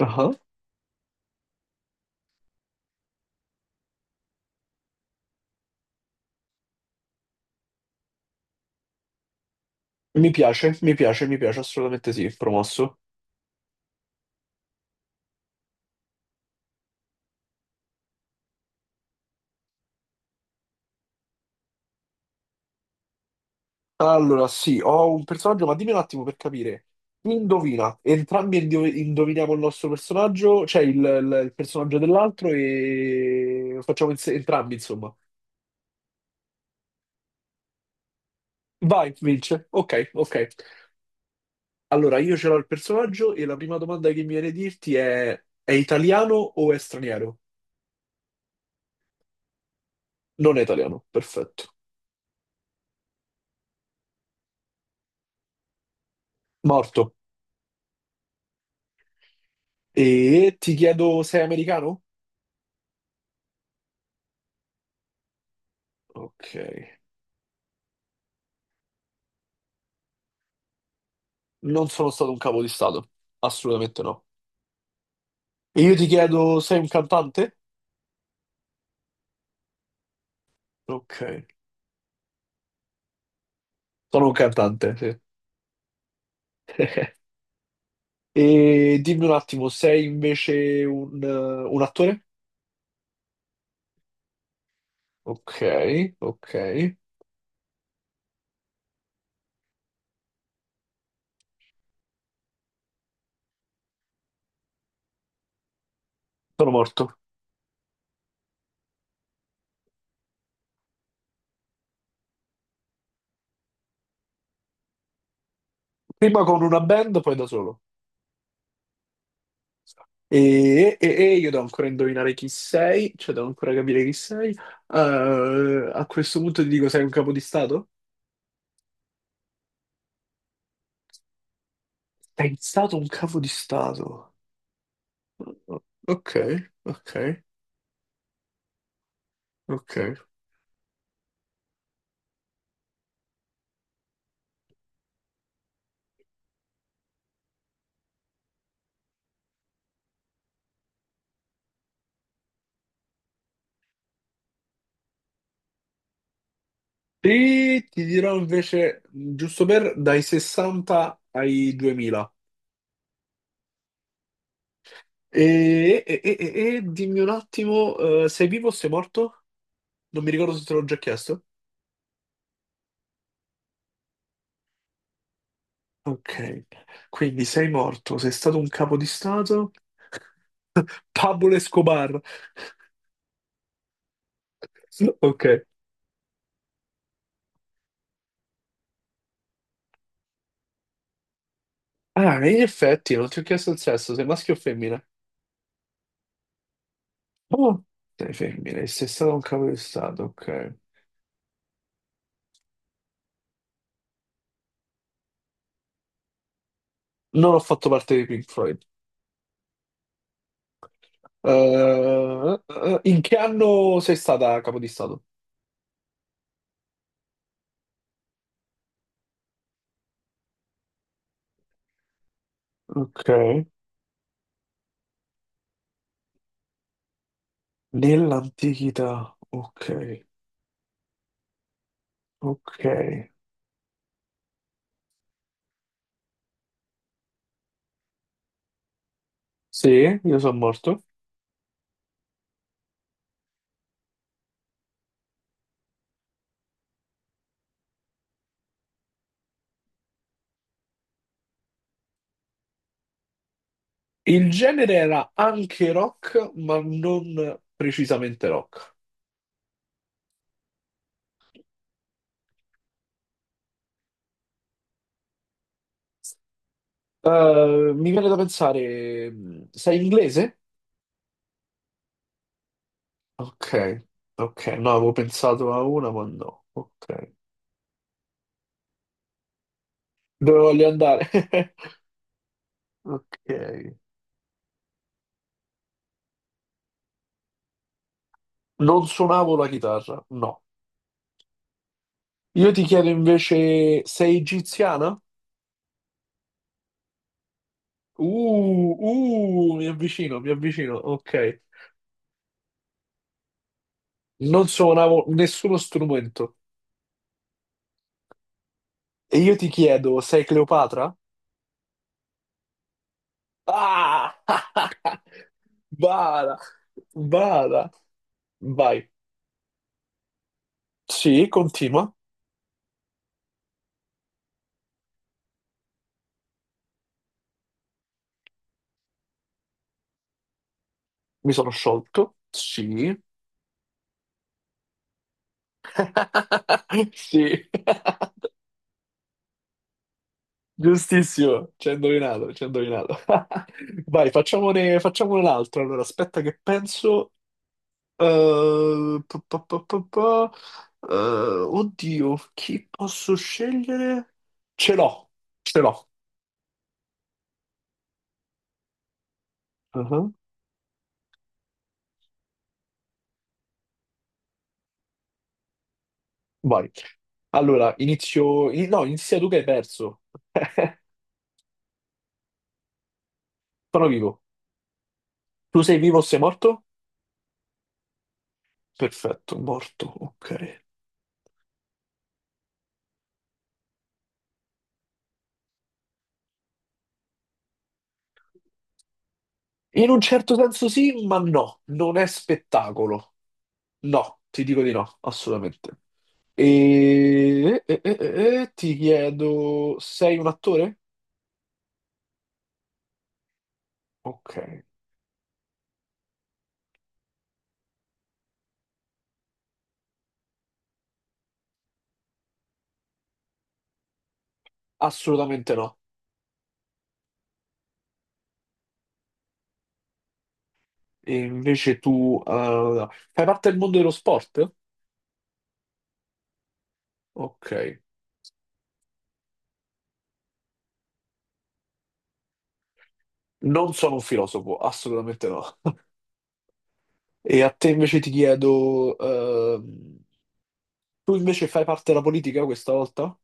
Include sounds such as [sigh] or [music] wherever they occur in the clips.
Ah, mi piace, mi piace, mi piace, assolutamente sì, promosso. Allora, sì, ho un personaggio, ma dimmi un attimo per capire. Chi Indovina, entrambi indoviniamo il nostro personaggio, cioè il personaggio dell'altro e lo facciamo entrambi, insomma. Vai, vince. Ok, ok. Allora, io ce l'ho il personaggio e la prima domanda che mi viene a dirti è italiano o è straniero? Non è italiano, perfetto. Morto. E ti chiedo, sei americano? Ok. Non sono stato un capo di Stato, assolutamente no. E io ti chiedo, sei un cantante? Ok, sono un cantante, sì. E dimmi un attimo, sei invece un attore? Ok, ok. Sono morto. Prima con una band, poi da solo. E io devo ancora indovinare chi sei, cioè devo ancora capire chi sei. A questo punto ti dico, sei un capo di Stato? Sei stato un capo di Stato. Ok, ok, ok. E ti dirò invece, giusto per, dai 60 ai 2000. E dimmi un attimo, sei vivo o sei morto? Non mi ricordo se te l'ho già chiesto. Ok, quindi sei morto, sei stato un capo di stato? Pablo Escobar. [laughs] Ok. Ah, in effetti, non ti ho chiesto il sesso, sei maschio o femmina? Oh, sei femmina, e sei stato un capo di stato, ok. Non ho fatto parte di Pink Floyd. Eh, In che anno sei stata capo di stato? Ok. Nell'antichità. Ok. Ok. Sì, io sono morto. Il genere era anche rock, ma non precisamente rock. Mi viene da pensare, sei inglese? Ok, ok, no, avevo pensato a una, ma no. Ok, dove voglio andare? [laughs] Ok, non suonavo la chitarra, no. Io ti chiedo invece, sei egiziana? Mi avvicino, ok. Non suonavo nessuno strumento. E io ti chiedo, sei Cleopatra? Ah! Bada, bada. Vai. Sì, continua. Mi sono sciolto. Sì. [laughs] Sì, giustissimo. Ci hai indovinato, ci hai indovinato. [laughs] Vai, facciamone, facciamone un altro. Allora, aspetta che penso. Pa, pa, pa, pa, pa. Oddio, chi posso scegliere? Ce l'ho, ce l'ho. Uh-huh. Vai. Allora, inizio. No, inizia tu che hai perso. Sono vivo. Tu sei vivo o sei morto? Perfetto, morto. Ok. In un certo senso sì, ma no. Non è spettacolo. No, ti dico di no, assolutamente. E, e- e- e- e ti chiedo, sei un attore? Ok. Assolutamente no. E invece tu fai parte del mondo dello sport? Ok. Non sono un filosofo, assolutamente no. E a te invece ti chiedo, tu invece fai parte della politica questa volta?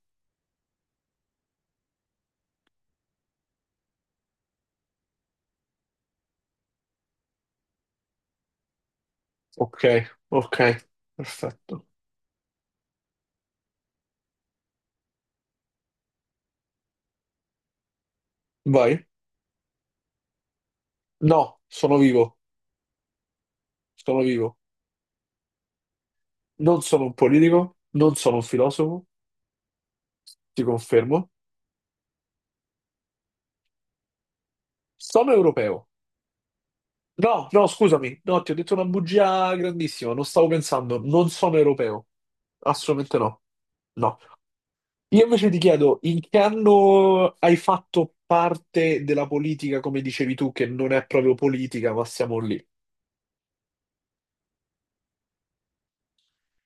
Ok, ok, perfetto. Vai. No, sono vivo, sono vivo. Non sono un politico, non sono un filosofo, ti confermo. Sono europeo. No, no, scusami, no, ti ho detto una bugia grandissima, non stavo pensando, non sono europeo, assolutamente no. No, io invece ti chiedo in che anno hai fatto parte della politica, come dicevi tu, che non è proprio politica, ma siamo lì.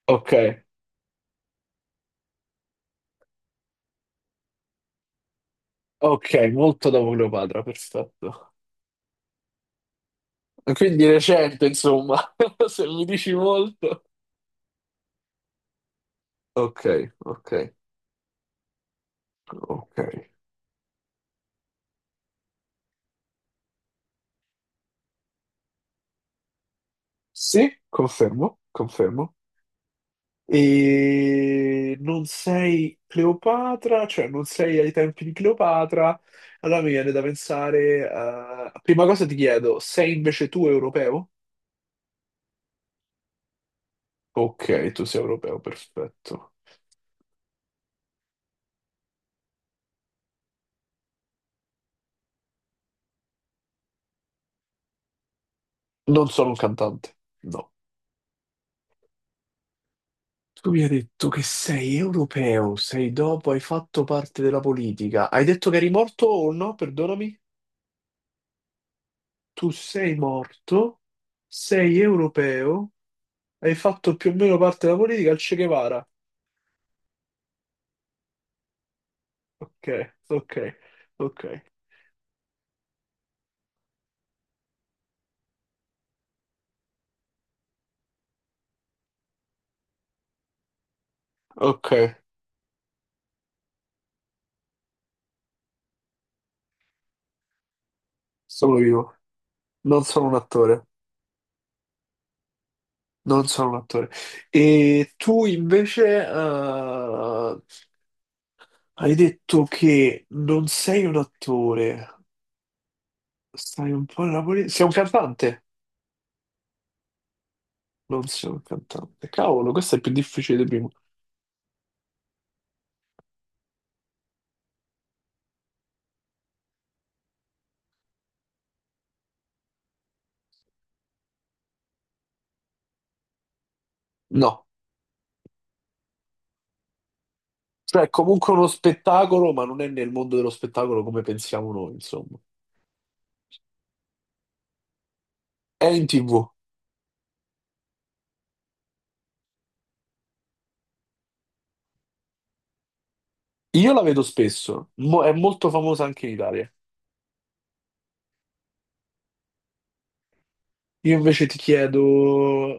Ok, ok, molto dopo Cleopatra, perfetto. Quindi recente, insomma, [laughs] se mi dici molto. Ok, ok, ok. Sì, confermo, confermo. E non sei Cleopatra, cioè non sei ai tempi di Cleopatra, allora mi viene da pensare, prima cosa ti chiedo, sei invece tu europeo? Ok, tu sei europeo, perfetto. Non sono un cantante, no. Tu mi hai detto che sei europeo, sei dopo, hai fatto parte della politica. Hai detto che eri morto o no? Perdonami. Tu sei morto, sei europeo, hai fatto più o meno parte della politica al Che Guevara. Ok, ok, ok, ok, sono io, non sono un attore, non sono un attore. E tu invece hai detto che non sei un attore, stai un po' nella politica, sei un cantante? Non sei un cantante, cavolo, questo è più difficile di prima. No, cioè è comunque uno spettacolo, ma non è nel mondo dello spettacolo come pensiamo noi, insomma. È in TV, io la vedo spesso, è molto famosa anche in Italia. Io invece ti chiedo,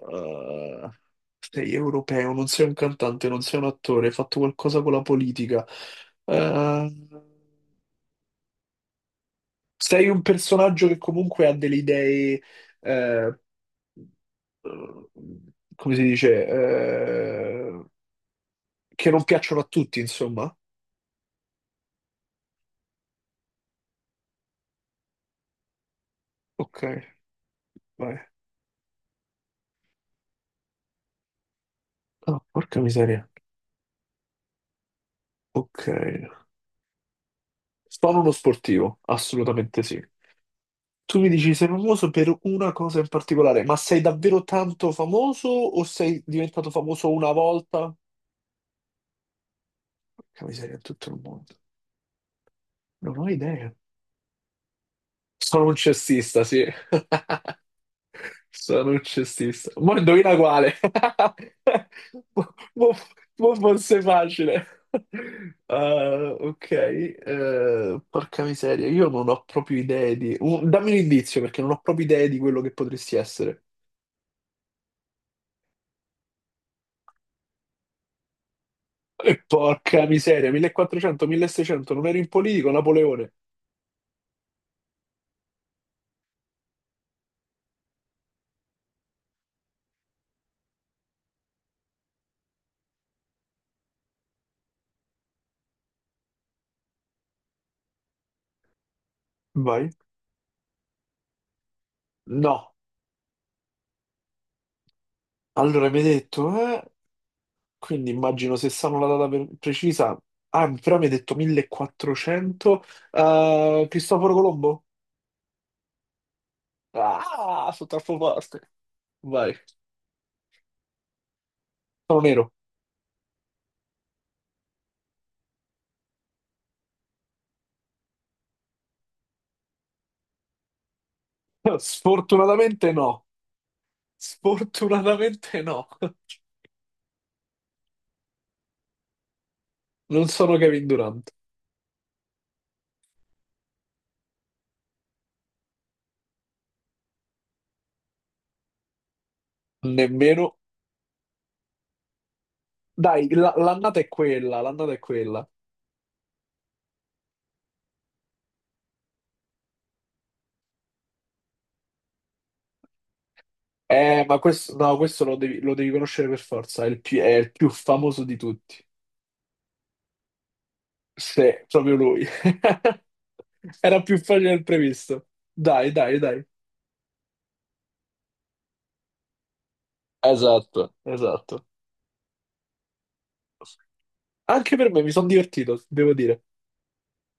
eh, sei europeo, non sei un cantante, non sei un attore, hai fatto qualcosa con la politica, eh, sei un personaggio che comunque ha delle idee, eh, eh, come si dice, che non piacciono a tutti, insomma. Ok, vai. Ah, porca miseria. Ok. Sono uno sportivo, assolutamente sì. Tu mi dici sei famoso per una cosa in particolare, ma sei davvero tanto famoso o sei diventato famoso una volta? Porca miseria, in tutto il mondo. Non ho idea. Sono un cestista, sì. [laughs] Sono un cestista. Ma indovina quale? [laughs] Mo- mo- mo forse è facile. [laughs] Ah, ok, porca miseria, io non ho proprio idee di, dammi un indizio perché non ho proprio idee di quello che potresti essere. E porca miseria, 1400-1600, non ero in politico, Napoleone. Vai. No, allora mi hai detto, eh? Quindi immagino se sanno la data precisa. Ah, però mi hai detto 1400. Cristoforo Colombo? Ah, sono troppo forte. Vai. Sono nero. [laughs] Sfortunatamente no. Sfortunatamente no. Non sono Kevin Durant. Nemmeno. Dai, l'annata è quella, l'annata è quella. Ma questo, no, questo lo devi conoscere per forza, è il più famoso di tutti. Sì, proprio lui. [laughs] Era più facile del previsto. Dai, dai, dai. Esatto, esatto. Anche per me mi sono divertito, devo dire.